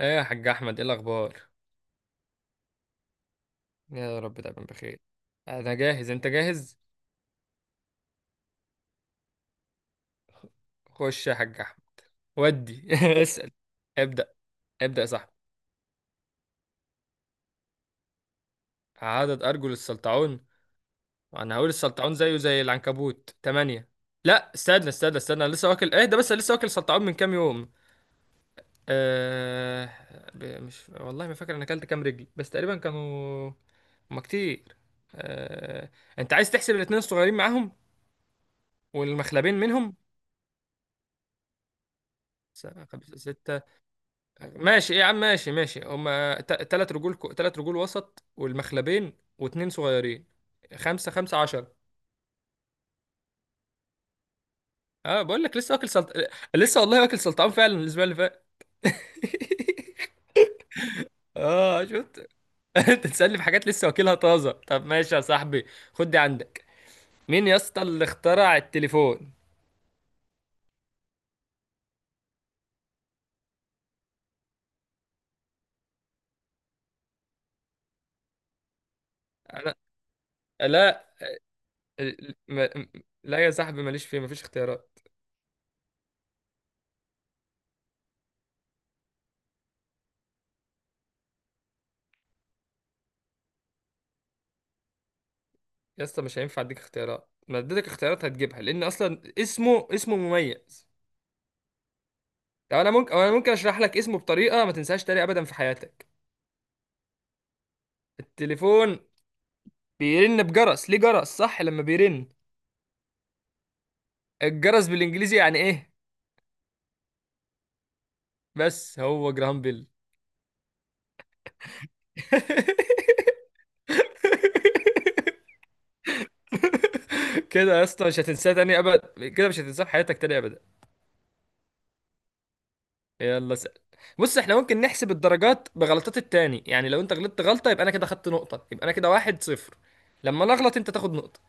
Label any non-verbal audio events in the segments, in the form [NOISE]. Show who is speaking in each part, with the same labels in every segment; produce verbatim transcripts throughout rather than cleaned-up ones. Speaker 1: ايه يا حاج احمد، ايه الاخبار؟ يا رب دايما بخير. انا جاهز، انت جاهز؟ خش يا حاج احمد. ودي [LAUGHS] اسال. ابدا. ابدا يا صاحبي. عدد ارجل السلطعون؟ وانا هقول السلطعون زيه زي العنكبوت تمانية. لا استنى استنى استنى، أنا لسه واكل. ايه ده؟ بس أنا لسه واكل سلطعون من كام يوم. أه... ب- مش والله، ما فاكر انا اكلت كام رجل، بس تقريبا كانوا، هما كتير. أه... انت عايز تحسب الاتنين الصغيرين معاهم والمخلبين منهم؟ خمسة ستة. ماشي يا عم، ماشي ماشي. هما ت- تلات رجول، كو- تلات رجول وسط والمخلبين واتنين صغيرين. خمسة، خمسة عشرة. اه، بقول لك لسه واكل سلط... لسه والله واكل سلطعون فعلا الأسبوع اللي فات. [LAUGHS] اه شفت. [LAUGHS] انت تسألني في حاجات لسه واكلها طازة. طب ماشي يا صاحبي، خد دي عندك. مين يا اسطى اللي اخترع التليفون؟ انا؟ لا. ال- م- لا يا صاحبي، ماليش فيه، مفيش اختيارات. يا اسطى مش هينفع اديك اختيارات، ما اديتك اختيارات هتجيبها، لان اصلا اسمه اسمه مميز. طب انا ممكن انا ممكن اشرح لك اسمه بطريقه ما تنساهاش تاني ابدا في حياتك. التليفون بيرن بجرس، ليه جرس؟ صح، لما بيرن. الجرس بالانجليزي يعني ايه؟ بس هو جرام بيل. [LAUGHS] كده يا اسطى مش هتنساه تاني ابدا، كده مش هتنساه في حياتك تاني ابدا. يلا سأل. بص احنا ممكن نحسب الدرجات بغلطات التاني، يعني لو انت غلطت غلطه يبقى انا كده خدت نقطه، يبقى انا كده واحد صفر. لما انا اغلط انت تاخد نقطه.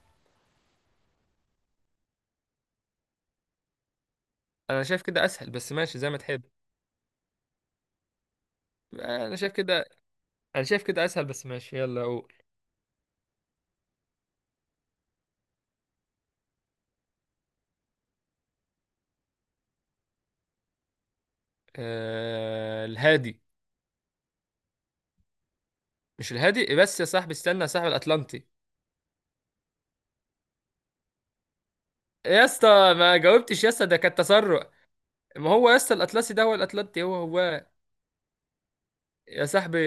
Speaker 1: انا شايف كده اسهل، بس ماشي زي ما تحب. انا شايف كده، انا شايف كده اسهل، بس ماشي، يلا اقول. آه الهادي. مش الهادي، بس يا صاحبي استنى يا صاحبي، الاطلنطي. يا اسطى، ما جاوبتش يا اسطى، ده كان تسرع. ما هو يا اسطى الاطلسي ده هو الاطلنطي، هو هو. يا صاحبي،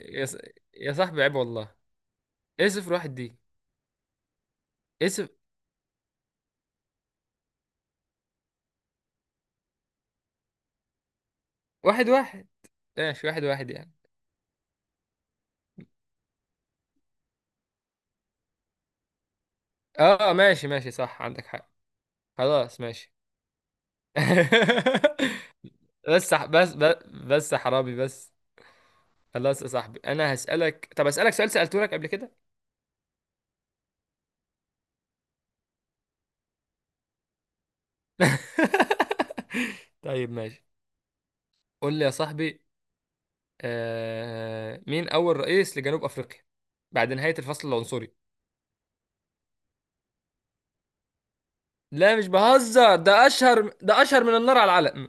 Speaker 1: يا, ص... يا صاحبي عيب والله. ايه صفر واحد دي؟ ايه صفر؟ واحد واحد. ماشي واحد واحد يعني. اه ماشي ماشي، صح عندك حق. خلاص ماشي. [LAUGHS] بس بس بس بس يا حرامي بس. خلاص يا صاحبي انا هسألك، طب اسألك سؤال سألته لك قبل كده. [LAUGHS] طيب ماشي. قول لي يا صاحبي. آه... مين أول رئيس لجنوب أفريقيا بعد نهاية الفصل العنصري؟ لا مش بهزر، ده أشهر، ده أشهر من النار على العلم.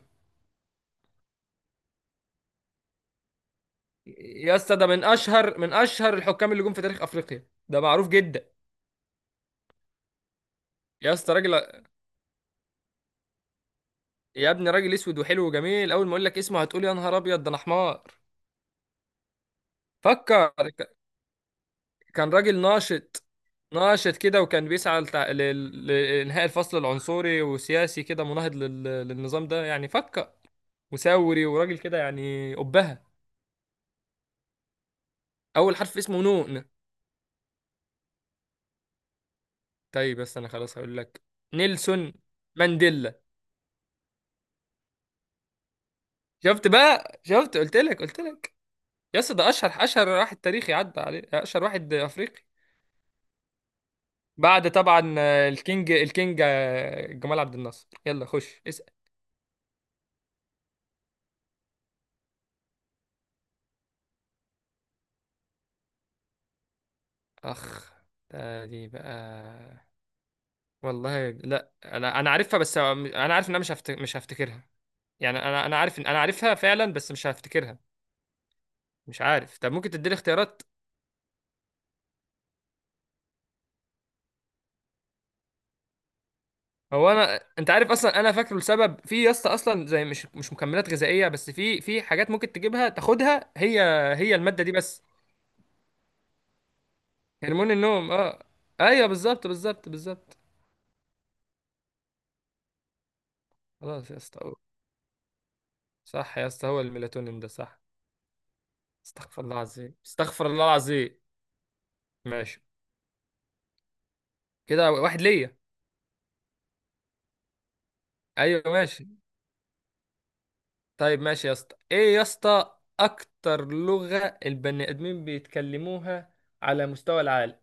Speaker 1: يا اسطى ده من أشهر، من أشهر الحكام اللي جم في تاريخ أفريقيا، ده معروف جدا. يا اسطى راجل، يا ابني راجل أسود وحلو وجميل، أول ما أقول لك اسمه هتقول يا نهار أبيض ده أنا حمار. فكر. كان راجل ناشط، ناشط كده، وكان بيسعى لتع... لل- لإنهاء الفصل العنصري، وسياسي كده مناهض لل... للنظام ده، يعني فكر. وثوري، وراجل كده يعني أبهة. أول حرف اسمه نون. طيب بس أنا خلاص هقول لك. نيلسون مانديلا. شفت بقى، شفت، قلت لك، قلت لك. يا اسطى ده أشهر، أشهر واحد تاريخي عدى عليه، أشهر واحد أفريقي. بعد طبعا آه، الكينج، الكينج آه، جمال عبد الناصر. يلا خش اسأل. أخ، ده دي بقى. والله لا، انا انا عارفها، بس انا عارف ان انا مش هفت... مش هفتكرها. يعني انا انا عارف ان انا عارفها فعلا بس مش هفتكرها. مش عارف، طب ممكن تديني اختيارات. هو انا، انت عارف اصلا انا فاكره لسبب في يا اسطى، اصلا زي مش مش مكملات غذائيه بس، في في حاجات ممكن تجيبها تاخدها هي. هي الماده دي بس، هرمون النوم، اه. ايوه بالظبط بالظبط بالظبط خلاص يا اسطى هو- صح يا اسطى، هو الميلاتونين ده، صح. استغفر الله العظيم، استغفر الله العظيم. ماشي. كده واحد ليا. ايوه ماشي. طيب ماشي يا اسطى، ايه يا اسطى اكتر لغة البني ادمين بيتكلموها على مستوى العالم؟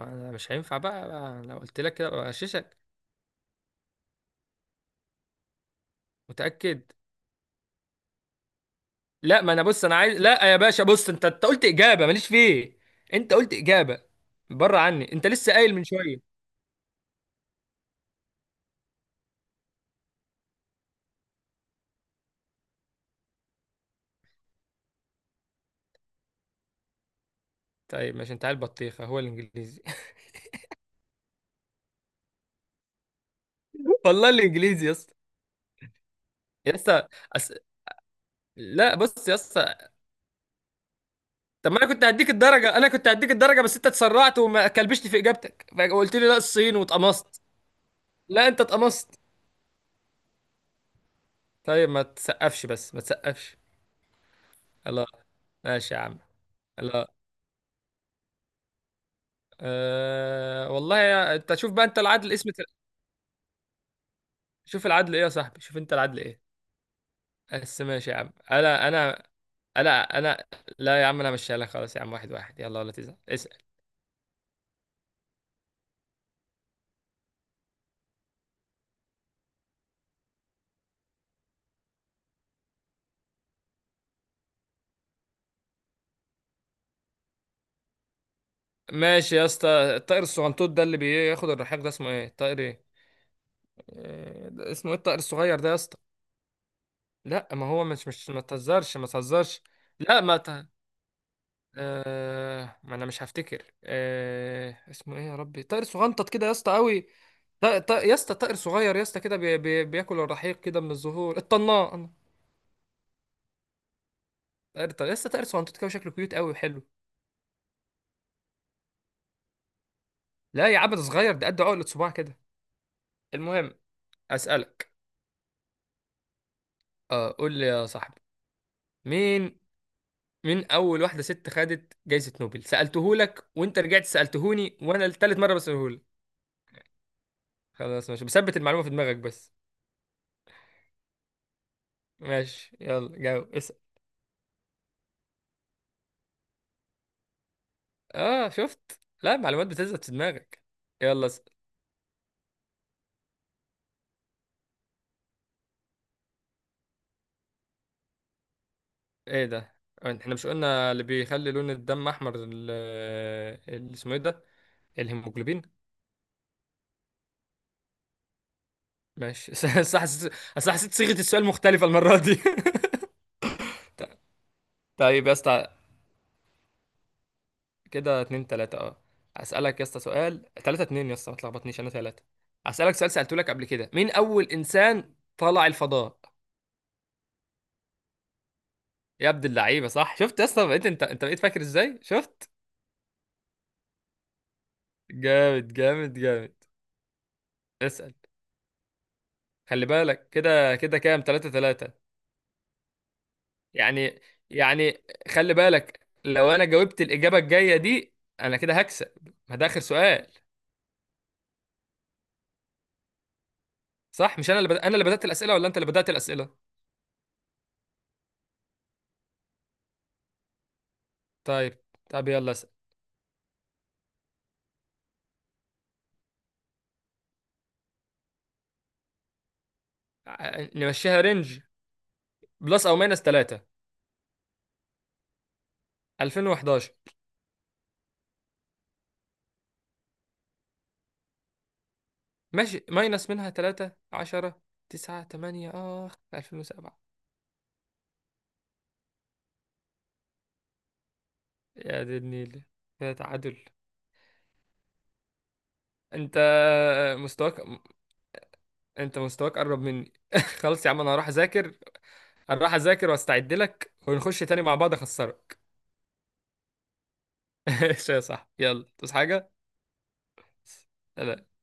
Speaker 1: انا مش هينفع بقى, بقى لو قلت لك كده بغششك. متأكد؟ لا. ما انا بص، انا عايز، لا يا باشا بص، انت انت قلت اجابة ماليش فيه. انت قلت اجابة، بره عني، انت لسه قايل من شوية. طيب ماشي، انت عيل بطيخة، هو الانجليزي. [LAUGHS] والله الانجليزي يا اسطى. يا اسطى، أس... لا بص يا اسطى. طب ما انا كنت هديك الدرجه، انا كنت هديك الدرجه، بس انت اتسرعت وما كلبشت في اجابتك، فقلت لي لا الصين، واتقمصت. لا انت اتقمصت. طيب ما تسقفش، بس ما تسقفش. الله. ماشي يا عم. الله. أه والله يا... انت شوف بقى، انت العدل اسم. شوف العدل ايه يا صاحبي، شوف انت العدل ايه. بس ماشي يا عم، انا انا، لا انا، لا يا عم انا مش لك، خلاص يا عم واحد واحد، يلا ولا تزعل، اسال. ماشي يا اسطى. الطائر الصغنطوط ده اللي بياخد الرحاق ده اسمه ايه الطائر؟ ايه آه، ده اسمه ايه الطائر الصغير ده يا اسطى؟ لا ما هو مش، مش ما تهزرش ما تهزرش. لا ما ت... آه... ما انا مش هفتكر. آه... اسمه ايه يا ربي؟ طائر صغنطط كده يا اسطى قوي. ط... ط... يا اسطى طائر صغير يا اسطى كده، بي... بي... بياكل الرحيق كده من الزهور، الطنان. طائر طائر- يا اسطى طائر صغنطط كده، شكله كيوت قوي وحلو. لا يا عبد صغير ده قد عقلة صباع كده. المهم، اسالك. اه قول لي يا صاحبي. مين مين اول واحده ست خدت جائزه نوبل؟ سالتهولك وانت رجعت سالتهوني، وانا التالت مره بسالهولك. خلاص ماشي، بثبت المعلومه في دماغك بس. ماشي، يلا جاوب اسأل. اه شفت، لا المعلومات بتثبت في دماغك. يلا اسأل. ايه ده؟ احنا مش قلنا اللي بيخلي لون الدم احمر ال آه، ال- اسمه ايه ده؟ الهيموجلوبين. ماشي. [LAUGHS] بس حسيت، أصل حسيت صيغة السؤال مختلفة المرة دي. [LAUGHS] ط- طيب يا اسطى، كده اتنين تلاتة، اه. اسألك يا اسطى سؤال، تلاتة اتنين يا اسطى، ما تلخبطنيش، انا تلاتة. اسألك سؤال سألته لك قبل كده، مين اول انسان طلع الفضاء؟ يا عبد اللعيبة صح، شفت يا اسطى، بقيت انت انت بقيت فاكر ازاي، شفت. جامد جامد جامد اسأل. خلي بالك كده، كده كام؟ تلاتة تلاتة. يعني يعني خلي بالك، لو انا جاوبت الإجابة الجاية دي انا كده هكسب، ما ده آخر سؤال. صح مش انا اللي بد... انا اللي بدأت الأسئلة ولا انت اللي بدأت الأسئلة؟ طيب، طب يلا اسأل. ع- نمشيها رينج، بلس او ماينس تلاتة. الفين وحداشر. ماشي ماينس منها تلاتة، عشرة، تسعة، تمانية، آخ الفين سبعة. يا دي النيل. كده تعادل. انت مستواك، انت مستواك قرب مني. [LAUGHS] خلاص يا عم انا هروح اذاكر. هروح اذاكر واستعد لك ونخش تاني مع بعض اخسرك. [LAUGHS] ماشي يا صاحبي، يلا تصحى حاجه. سلام.